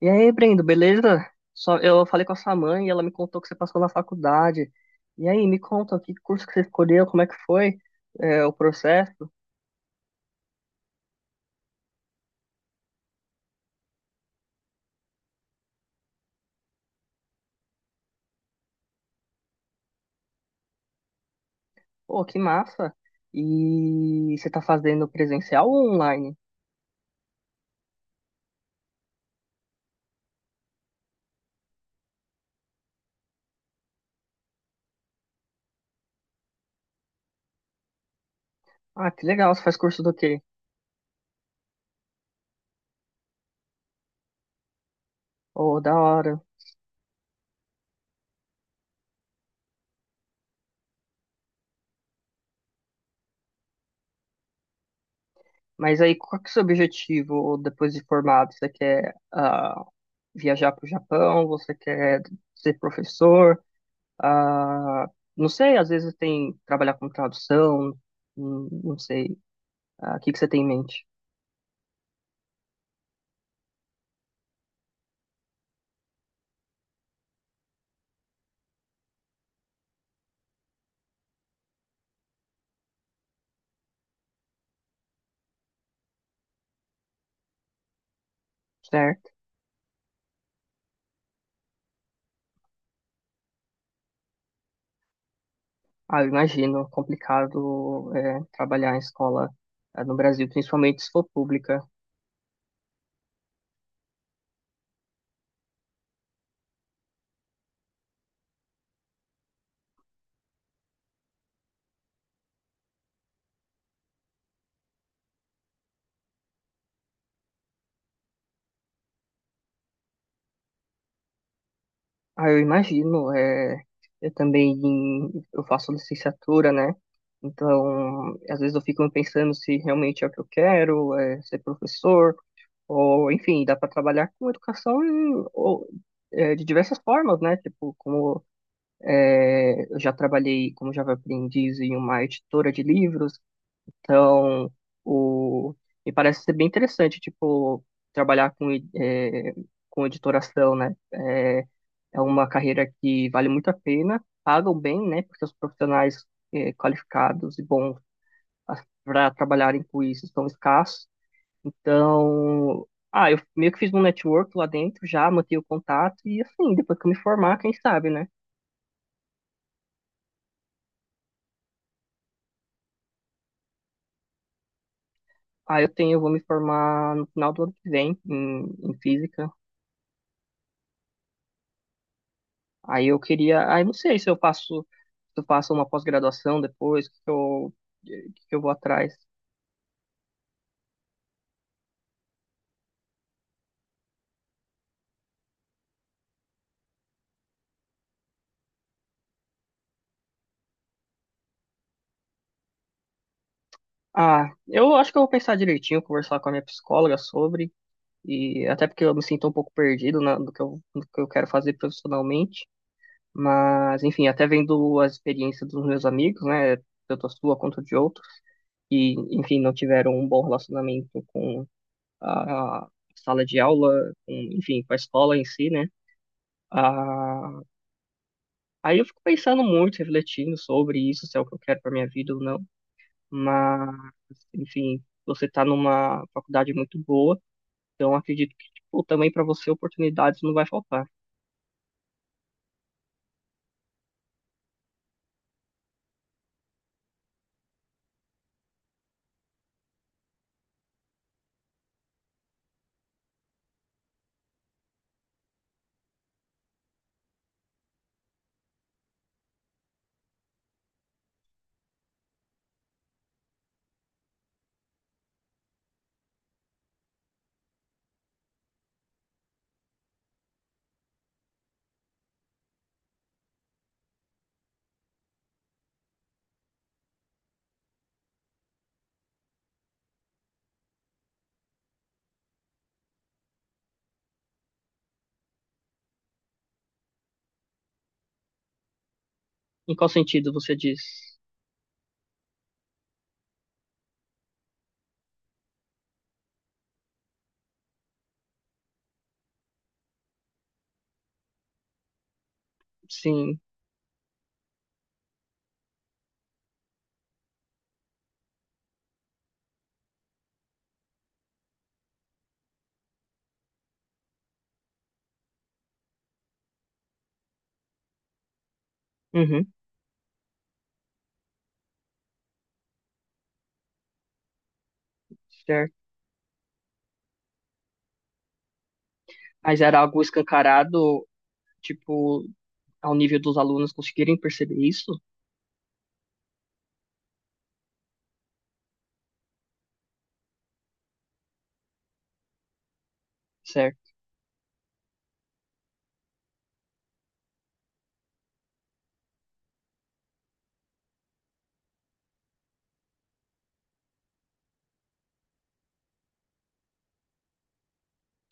E aí, Brendo, beleza? Só, eu falei com a sua mãe e ela me contou que você passou na faculdade. E aí, me conta, que curso que você escolheu, como é que foi, o processo? Pô, que massa! E você tá fazendo presencial ou online? Ah, que legal, você faz curso do quê? Oh, da hora. Mas aí, qual que é o seu objetivo depois de formado? Você quer viajar pro Japão? Você quer ser professor? Ah, não sei, às vezes tem trabalhar com tradução, não sei. Ah, o que que você tem em mente? Certo. Ah, eu imagino, complicado trabalhar em escola no Brasil, principalmente se for pública. Ah, eu imagino, eu também eu faço licenciatura, né? Então, às vezes eu fico pensando se realmente é o que eu quero, ser professor, ou enfim, dá para trabalhar com ou, de diversas formas, né? Tipo, como eu já trabalhei como Java Aprendiz em uma editora de livros. Então, o... me parece ser bem interessante, tipo, trabalhar com editoração, né? É, é uma carreira que vale muito a pena, pagam bem, né? Porque os profissionais, qualificados e bons para trabalharem com isso são escassos. Então, eu meio que fiz um network lá dentro já, mantive o contato e assim, depois que eu me formar, quem sabe, né? Ah, eu tenho, eu vou me formar no final do ano que vem em física. Aí eu queria, aí não sei se eu passo, se eu passo uma pós-graduação depois, que eu vou atrás. Ah, eu acho que eu vou pensar direitinho, conversar com a minha psicóloga sobre, e até porque eu me sinto um pouco perdido do que do que eu quero fazer profissionalmente, mas enfim, até vendo as experiências dos meus amigos, né, tanto a sua quanto de outros, que enfim, não tiveram um bom relacionamento com a sala de aula, com, enfim, com a escola em si, né? Ah, Aí eu fico pensando muito, refletindo sobre isso, se é o que eu quero para minha vida ou não. Mas, enfim, você tá numa faculdade muito boa, então acredito que, tipo, também para você oportunidades não vai faltar. Em qual sentido você diz? Sim, uhum, certo. Mas era algo escancarado, tipo, ao nível dos alunos conseguirem perceber isso? Certo,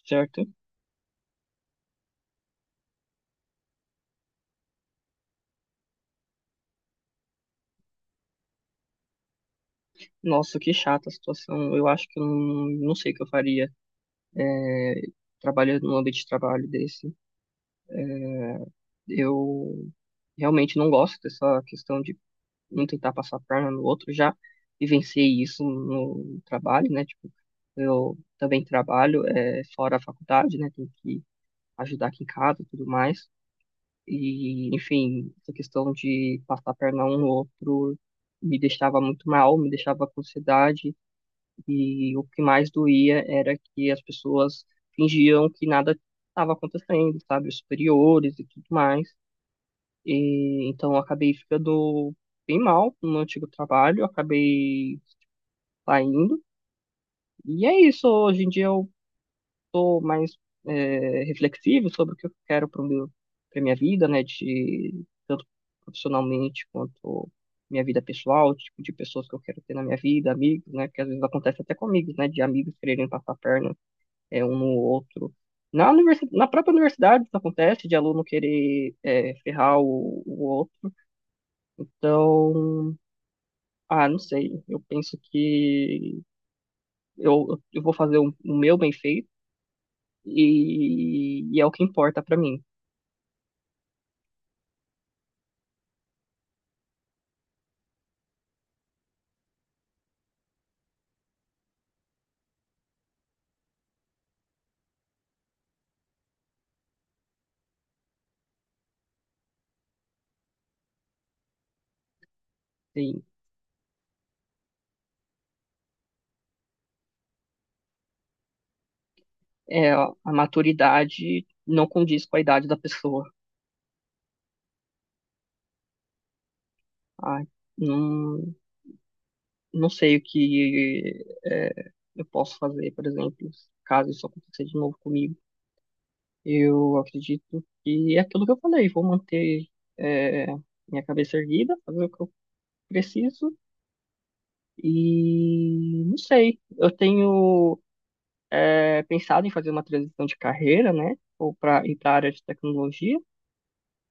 certo. Nossa, que chata a situação. Eu acho que eu não, não sei o que eu faria trabalhando num ambiente de trabalho desse. Eu realmente não gosto dessa questão de um tentar passar a perna no outro. Já vivenciei isso no trabalho, né? Tipo, eu também trabalho fora da faculdade, né? Tenho que ajudar aqui em casa e tudo mais. E, enfim, essa questão de passar a perna um no outro me deixava muito mal, me deixava com ansiedade. E o que mais doía era que as pessoas fingiam que nada estava acontecendo, sabe? Os superiores e tudo mais. E então eu acabei ficando bem mal no meu antigo trabalho, acabei saindo. E é isso, hoje em dia eu tô mais reflexivo sobre o que eu quero para minha vida, né, de tanto profissionalmente quanto minha vida pessoal, o tipo de pessoas que eu quero ter na minha vida, amigos, né, que às vezes acontece até comigo, né, de amigos quererem passar a perna um no outro. Na na própria universidade isso acontece, de aluno querer ferrar o outro. Então, ah, não sei. Eu penso que eu vou fazer o meu bem feito e é o que importa pra mim. Sim. É, a maturidade não condiz com a idade da pessoa. Ai, não, não sei o que é, eu posso fazer, por exemplo, caso isso aconteça de novo comigo. Eu acredito que é aquilo que eu falei. Vou manter é, minha cabeça erguida, fazer o que eu preciso e não sei. Eu tenho pensado em fazer uma transição de carreira, né? Ou para ir para a área de tecnologia.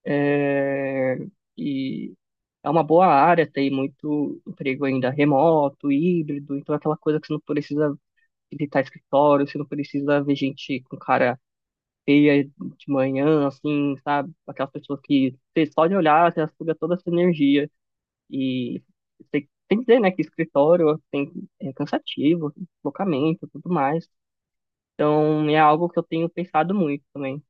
É, e é uma boa área, tem muito emprego ainda remoto, híbrido, então é aquela coisa que você não precisa visitar escritório, você não precisa ver gente com cara feia de manhã, assim, sabe? Aquelas pessoas que você só de olhar, você suga toda a sua energia. E você tem que dizer, né, que escritório tem, é cansativo, deslocamento, tudo mais. Então, é algo que eu tenho pensado muito também.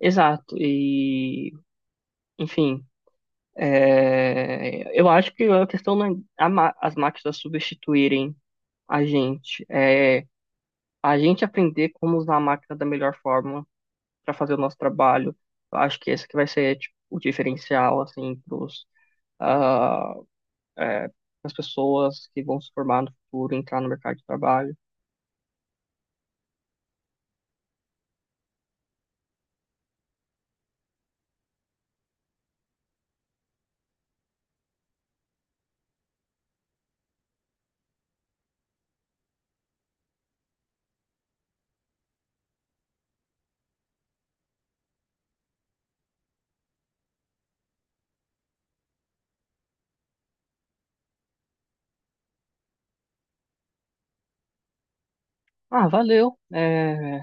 Exato. E, enfim, é, eu acho que a questão não é as máquinas substituírem a gente. É a gente aprender como usar a máquina da melhor forma para fazer o nosso trabalho. Eu acho que esse que vai ser, tipo, o diferencial, assim, ah, é, as pessoas que vão se formar no futuro, entrar no mercado de trabalho. Ah, valeu. É,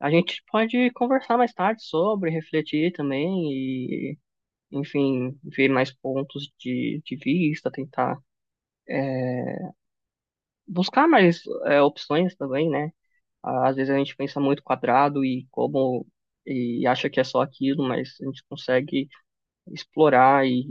a gente pode conversar mais tarde sobre, refletir também e, enfim, ver mais pontos de vista, tentar é, buscar mais opções também, né? Às vezes a gente pensa muito quadrado e acha que é só aquilo, mas a gente consegue explorar e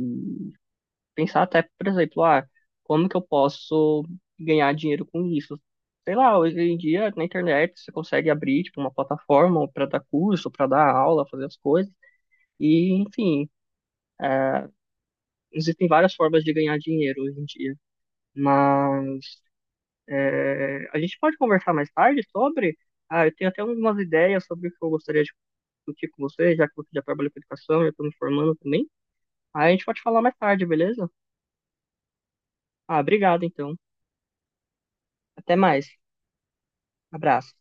pensar até, por exemplo, como que eu posso ganhar dinheiro com isso? Sei lá, hoje em dia na internet você consegue abrir tipo, uma plataforma para dar curso, para dar aula, fazer as coisas. E, enfim, existem várias formas de ganhar dinheiro hoje em dia. Mas a gente pode conversar mais tarde sobre. Ah, eu tenho até algumas ideias sobre o que eu gostaria de discutir com você, já que você já trabalha com educação, já estou me formando também. Aí a gente pode falar mais tarde, beleza? Ah, obrigado então. Até mais. Abraço.